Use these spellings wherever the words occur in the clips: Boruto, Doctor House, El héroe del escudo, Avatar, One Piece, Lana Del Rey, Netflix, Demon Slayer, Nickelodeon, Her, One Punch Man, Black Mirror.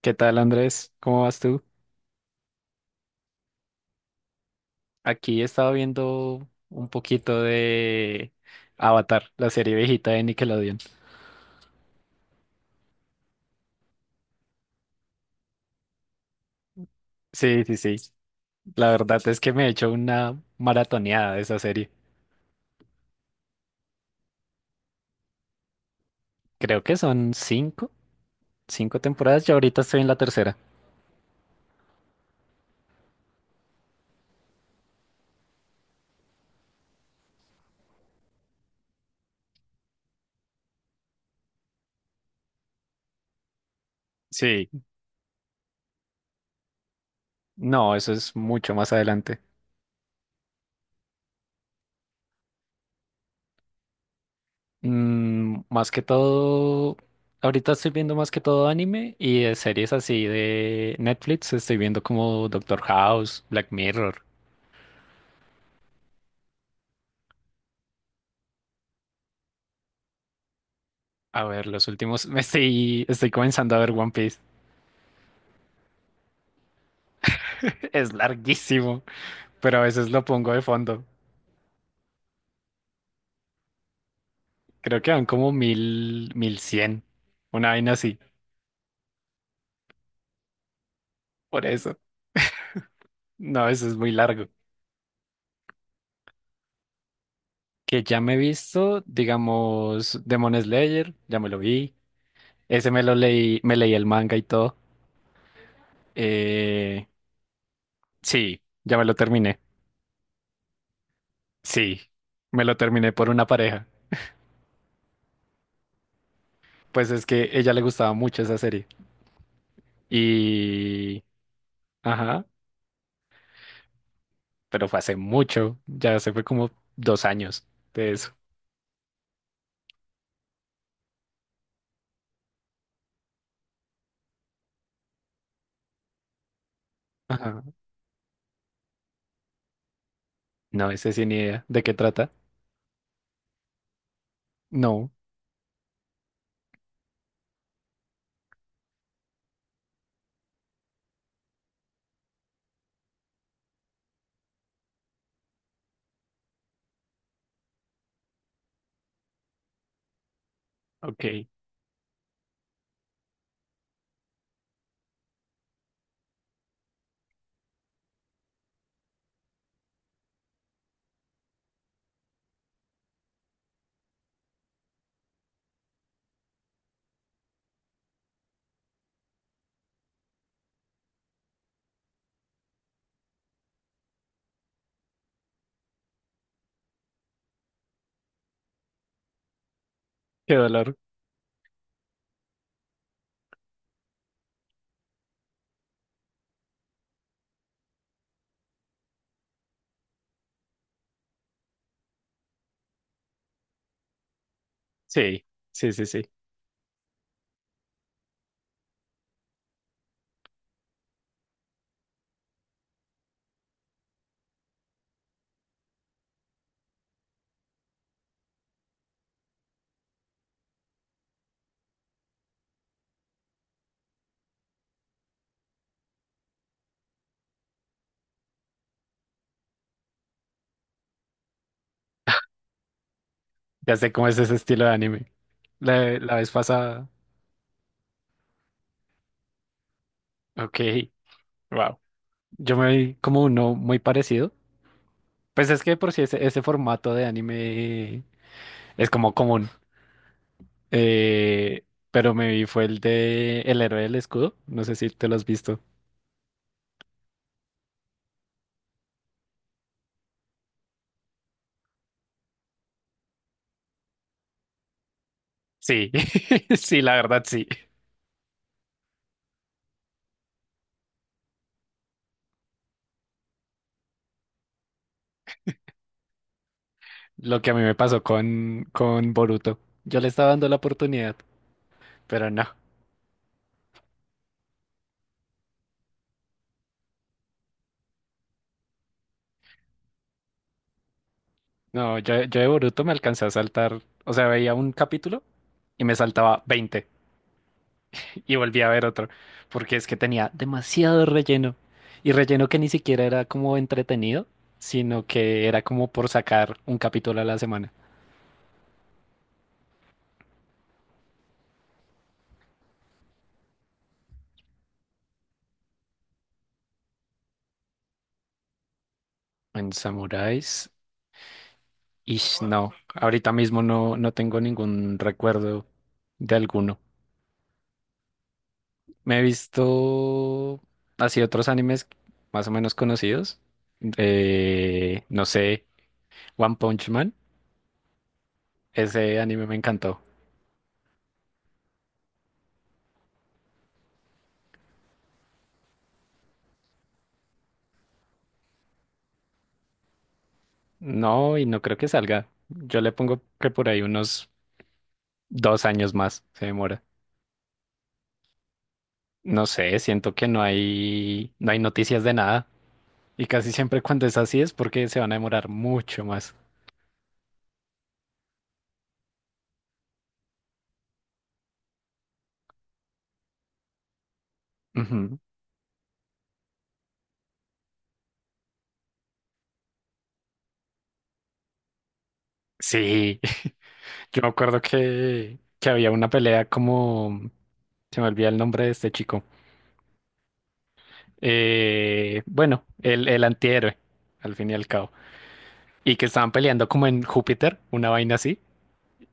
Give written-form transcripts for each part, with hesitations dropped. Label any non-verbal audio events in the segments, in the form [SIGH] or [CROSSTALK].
¿Qué tal, Andrés? ¿Cómo vas tú? Aquí he estado viendo un poquito de Avatar, la serie viejita de Nickelodeon. Sí, sí, sí. La verdad es que me he hecho una maratoneada de esa serie. Creo que son cinco temporadas. Yo ahorita estoy en la tercera. Sí. No, eso es mucho más adelante. Más que todo, ahorita estoy viendo más que todo anime y de series así de Netflix. Estoy viendo como Doctor House, Black Mirror. A ver, los últimos, [LAUGHS] estoy comenzando a ver One Piece. Es larguísimo, pero a veces lo pongo de fondo. Creo que van como 1000, 1100, una vaina así. Por eso, no, eso es muy largo. Que ya me he visto, digamos, Demon Slayer, ya me lo vi. Ese me lo leí, me leí el manga y todo. Eh, sí, ya me lo terminé. Sí, me lo terminé por una pareja. Pues es que ella le gustaba mucho esa serie. Y... Ajá. Pero fue hace mucho, ya se fue como 2 años de eso. Ajá. No, ese sí ni idea. ¿De qué trata? No. Ok. Qué dolor. Sí, sí, sí, sí. Ya sé cómo es ese estilo de anime. La vez pasada. Ok. Wow. Yo me vi como uno muy parecido. Pues es que de por si ese formato de anime es como común. Eh, pero me vi fue el de El héroe del escudo. No sé si te lo has visto. Sí, [LAUGHS] sí, la verdad sí. Lo que a mí me pasó con Boruto. Yo le estaba dando la oportunidad, pero no. No, yo de Boruto me alcancé a saltar. O sea, veía un capítulo y me saltaba 20 y volvía a ver otro. Porque es que tenía demasiado relleno. Y relleno que ni siquiera era como entretenido, sino que era como por sacar un capítulo a la semana. En Samuráis, no. Ahorita mismo no, no tengo ningún recuerdo de alguno. Me he visto así otros animes más o menos conocidos. No sé, One Punch Man. Ese anime me encantó. No, y no creo que salga. Yo le pongo que por ahí unos 2 años más se demora. No sé, siento que no hay noticias de nada. Y casi siempre cuando es así es porque se van a demorar mucho más. Ujú. Sí, [LAUGHS] yo me acuerdo que había una pelea como. Se me olvida el nombre de este chico. Bueno, el antihéroe, al fin y al cabo. Y que estaban peleando como en Júpiter, una vaina así,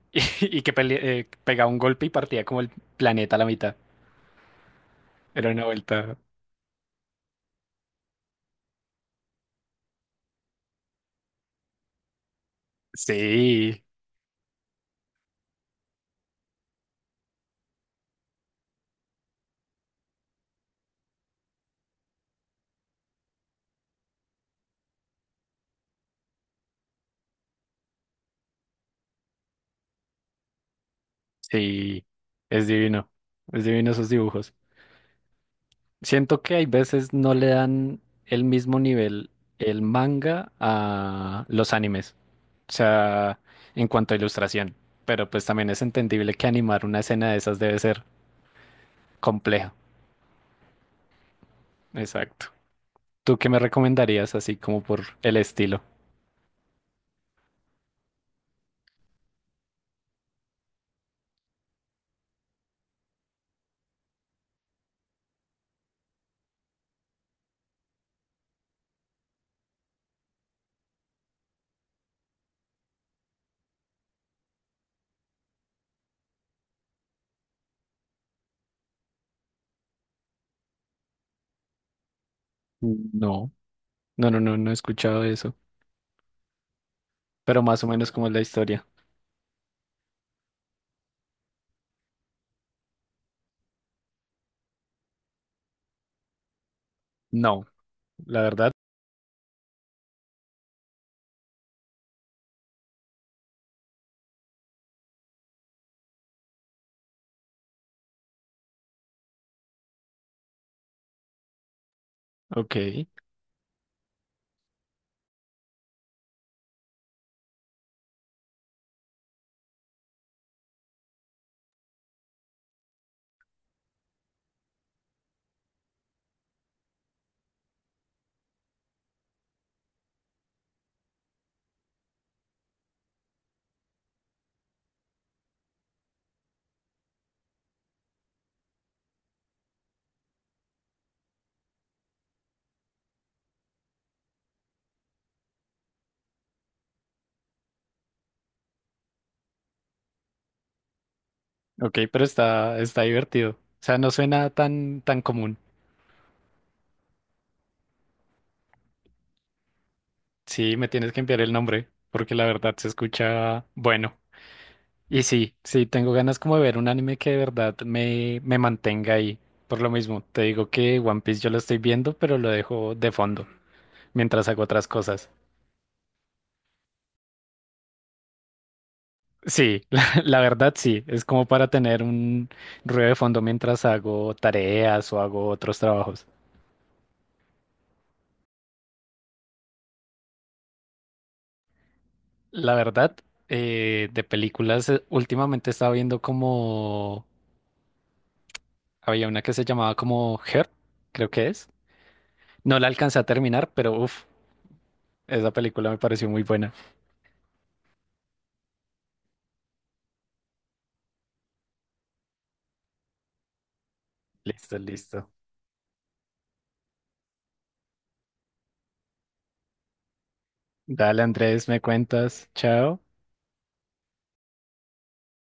[LAUGHS] y, pegaba un golpe y partía como el planeta a la mitad. Era una vuelta. Sí, sí, es divino. Es divino esos dibujos. Siento que hay veces no le dan el mismo nivel el manga a los animes. O sea, en cuanto a ilustración. Pero pues también es entendible que animar una escena de esas debe ser compleja. Exacto. ¿Tú qué me recomendarías así como por el estilo? No, no, no, no, no he escuchado eso. Pero más o menos cómo es la historia. No, la verdad. Ok, ok, pero está divertido. O sea, no suena tan, tan común. Sí, me tienes que enviar el nombre, porque la verdad se escucha bueno. Y sí, sí, tengo ganas como de ver un anime que de verdad me mantenga ahí. Por lo mismo, te digo que One Piece yo lo estoy viendo, pero lo dejo de fondo mientras hago otras cosas. Sí, [LAUGHS] la verdad sí, es como para tener un ruido de fondo mientras hago tareas o hago otros trabajos. La verdad, de películas, últimamente estaba viendo como, había una que se llamaba como Her, creo que es. No la alcancé a terminar, pero uff, esa película me pareció muy buena. Listo, listo. Dale, Andrés, me cuentas. Chao.